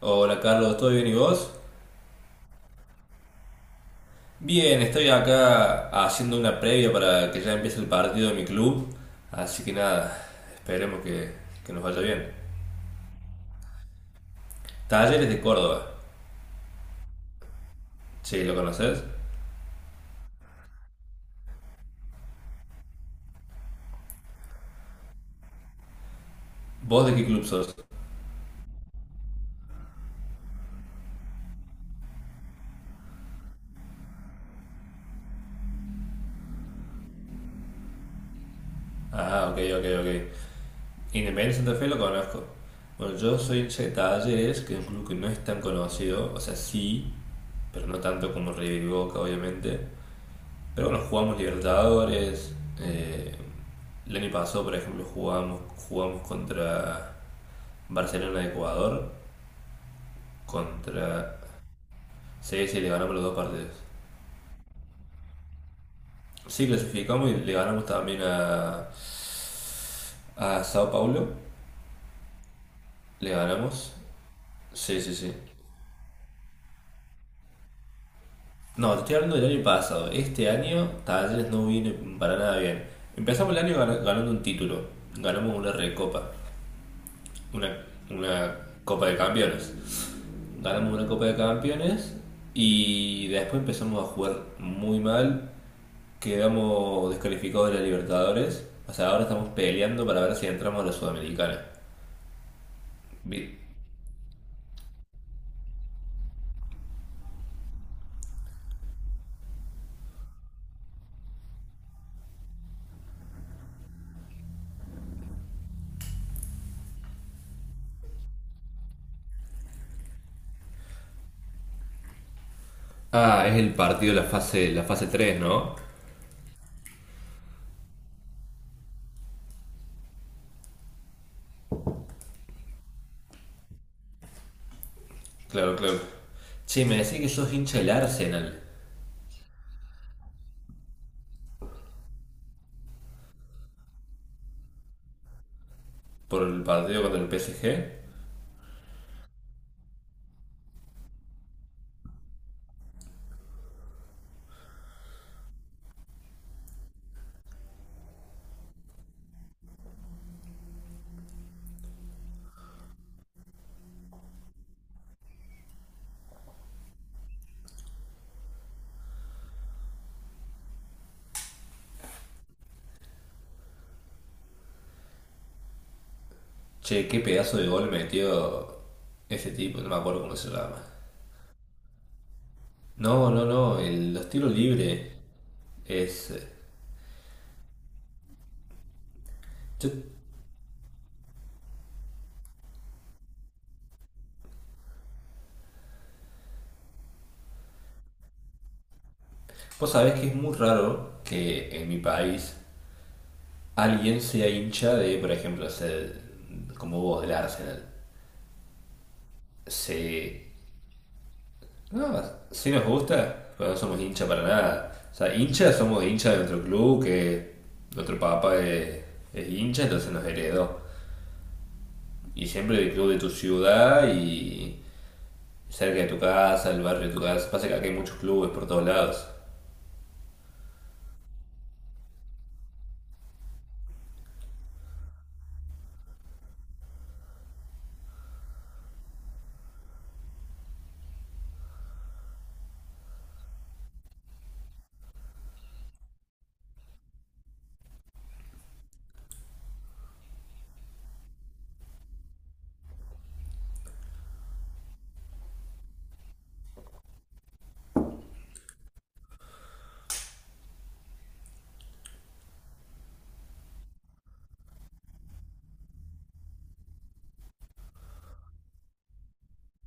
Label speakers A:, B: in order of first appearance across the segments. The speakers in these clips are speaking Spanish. A: Hola Carlos, ¿todo bien y vos? Bien, estoy acá haciendo una previa para que ya empiece el partido de mi club, así que nada, esperemos que nos vaya bien. Talleres de Córdoba, sí, ¿lo conoces? ¿Vos de qué club sos? Ah, ok, ok, ok. Independiente Santa Fe lo conozco. Bueno, yo soy hincha de Talleres, que es un club que no es tan conocido, o sea, sí, pero no tanto como River y Boca, obviamente. Pero bueno, jugamos Libertadores. eh, el año pasado, por ejemplo, jugamos contra Barcelona de Ecuador, contra CS, y le ganamos los dos partidos. Sí, clasificamos y le ganamos también a Sao Paulo. Le ganamos. Sí, sí, sí. No, te estoy hablando del año pasado. Este año Talleres no viene para nada bien. Empezamos el año ganando un título. Ganamos una recopa. Una, una copa de campeones. Ganamos una Copa de Campeones y después empezamos a jugar muy mal, quedamos descalificados de la Libertadores, o sea, ahora estamos peleando para ver si entramos a la Sudamericana. Bien. Ah, es el partido, de la fase tres, ¿no? Claro, claro. Che, me decís que sos hincha del Arsenal por el partido contra el PSG. Che, qué pedazo de gol metió ese tipo, no me acuerdo cómo se llama. No, no, no, los tiros libres. Es. Yo Vos sabés que es muy raro que en mi país alguien sea hincha de, por ejemplo, como vos, del Arsenal. Se. No, sí nos gusta, pero no somos hincha para nada. O sea, hincha somos hincha de otro club, que otro papá es hincha, entonces nos heredó. Y siempre del club de tu ciudad y cerca de tu casa, el barrio de tu casa. Pasa que acá hay muchos clubes por todos lados.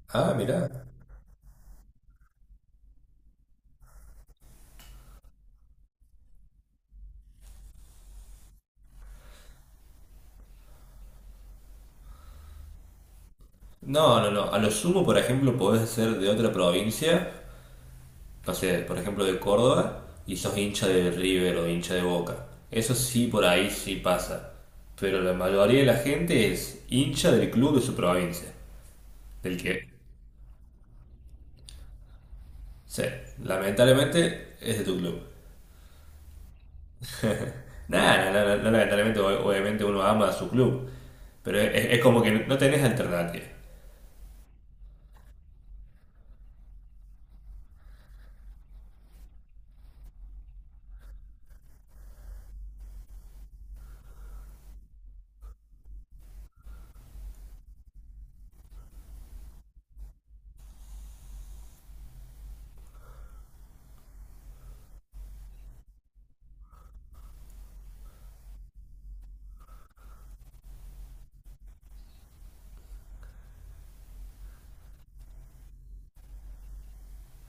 A: Ah, mirá. No, no, no. A lo sumo, por ejemplo, podés ser de otra provincia, no sé, por ejemplo, de Córdoba, y sos hincha de River o hincha de Boca. Eso sí, por ahí sí pasa. Pero la mayoría de la gente es hincha del club de su provincia. Del que, sí, lamentablemente es de tu club. Nada, no, no, no, no, lamentablemente, obviamente uno ama a su club. Pero es como que no tenés alternativa.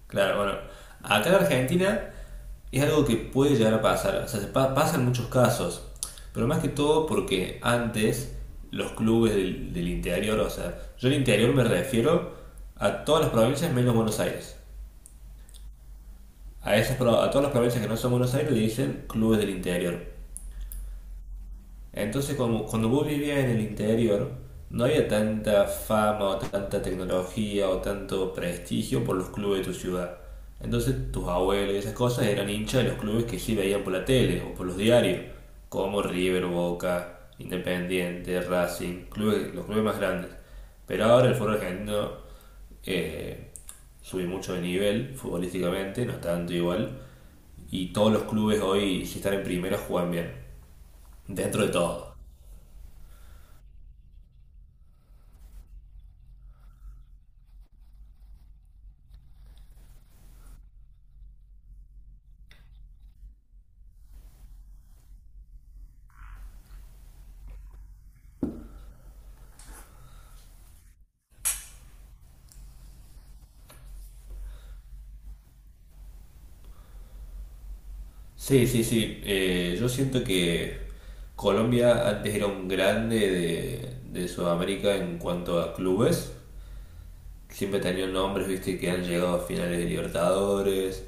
A: Claro, bueno, acá en Argentina es algo que puede llegar a pasar, o sea, se pasa muchos casos, pero más que todo porque antes los clubes del interior, o sea, yo el interior me refiero a todas las provincias menos Buenos Aires. A todas las provincias que no son Buenos Aires le dicen clubes del interior. Entonces, como, cuando vos vivías en el interior, no había tanta fama o tanta tecnología o tanto prestigio por los clubes de tu ciudad. Entonces, tus abuelos y esas cosas eran hinchas de los clubes que sí veían por la tele o por los diarios, como River, Boca, Independiente, Racing, clubes, los clubes más grandes. Pero ahora el fútbol argentino eh, sube mucho de nivel futbolísticamente, no tanto igual, y todos los clubes hoy, si están en primera, juegan bien, dentro de todo. Sí, sí, sí. Yo siento que Colombia antes era un grande de Sudamérica en cuanto a clubes. Siempre tenían nombres, viste, que han llegado a finales de Libertadores,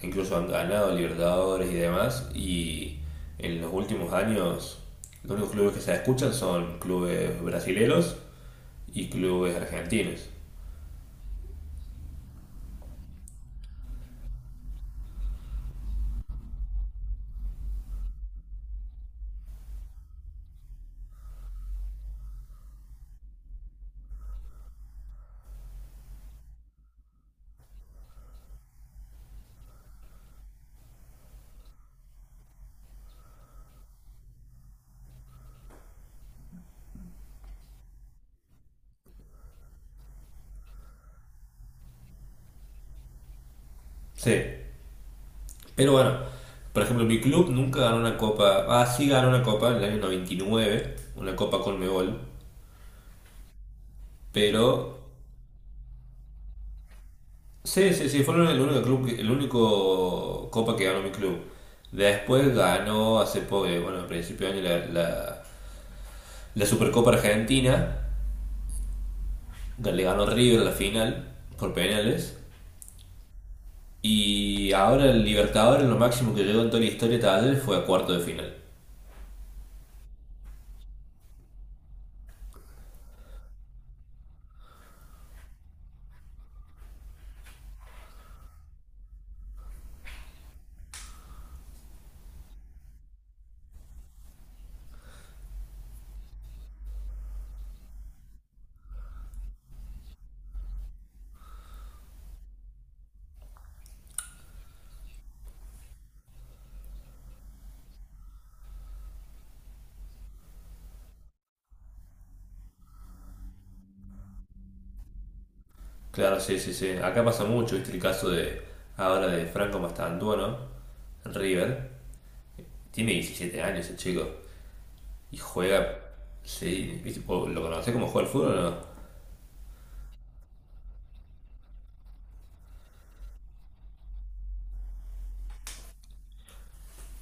A: incluso han ganado Libertadores y demás. Y en los últimos años, los únicos clubes que se escuchan son clubes brasileros y clubes argentinos. Sí, pero bueno, por ejemplo, mi club nunca ganó una copa. Ah, sí ganó una copa en el año 99, una copa Conmebol. Pero sí, sí, sí, fue el único club, el único copa que ganó mi club. Después ganó hace poco, bueno, a principio de año la Supercopa Argentina. Que le ganó River la final por penales. Y ahora el Libertadores, lo máximo que llegó en toda la historia de Talleres fue a cuarto de final. Claro, sí, sí, sí. Acá pasa mucho, viste el caso de ahora de Franco Mastantuono, en River. Tiene 17 años el chico y juega. Sí, ¿viste? ¿Vos ¿lo conocés como juega el fútbol o no?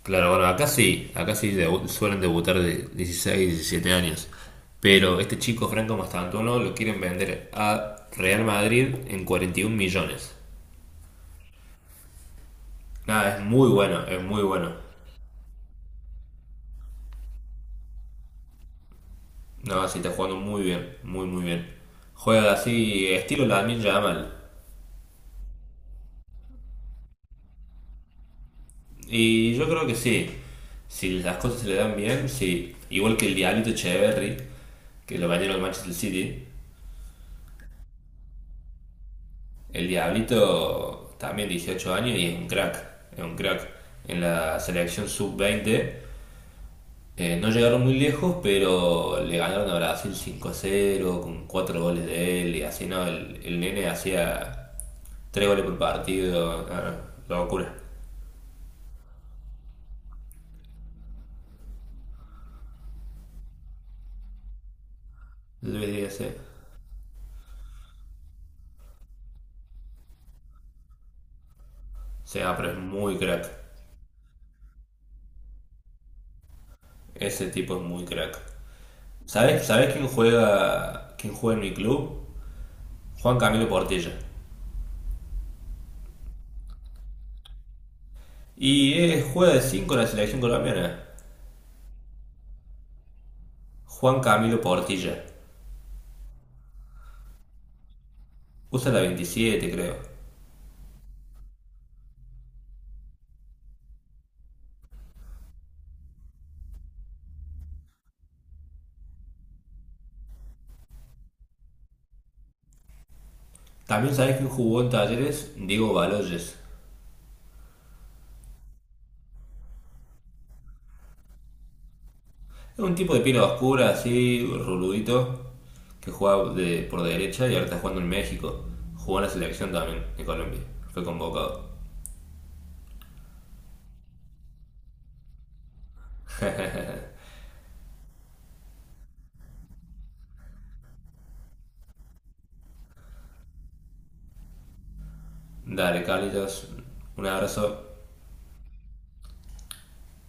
A: Claro, bueno, acá sí suelen debutar de 16, 17 años. Pero este chico Franco Mastantuono lo quieren vender a Real Madrid en 41 millones. Nada, es muy bueno, es muy bueno. No, sí, está jugando muy bien, muy, muy bien. Juega así, estilo Lamine Yamal. Y yo creo que sí. Si las cosas se le dan bien, sí. Igual que el Diablito Echeverry, que lo bañaron al Manchester City. El Diablito también 18 años y es un crack. Es un crack. En la selección sub 20 no llegaron muy lejos, pero le ganaron a Brasil 5 cero con 4 goles de él. Y así no, el nene hacía 3 goles por partido. Ah, locura. Luis Díaz. O sea, pero es muy crack. Ese tipo es muy crack. ¿Sabés quién juega en mi club? Juan Camilo Portilla. Y juega de 5 en la selección colombiana. Juan Camilo Portilla. Usa la 27, creo. ¿También sabés quién jugó en Talleres? Diego Baloyes. Es un tipo de pila oscura, así, ruludito, que jugaba por derecha y ahora está jugando en México. Jugó en la selección también, en Colombia. Fue convocado. Dale, Carlitos. Un abrazo.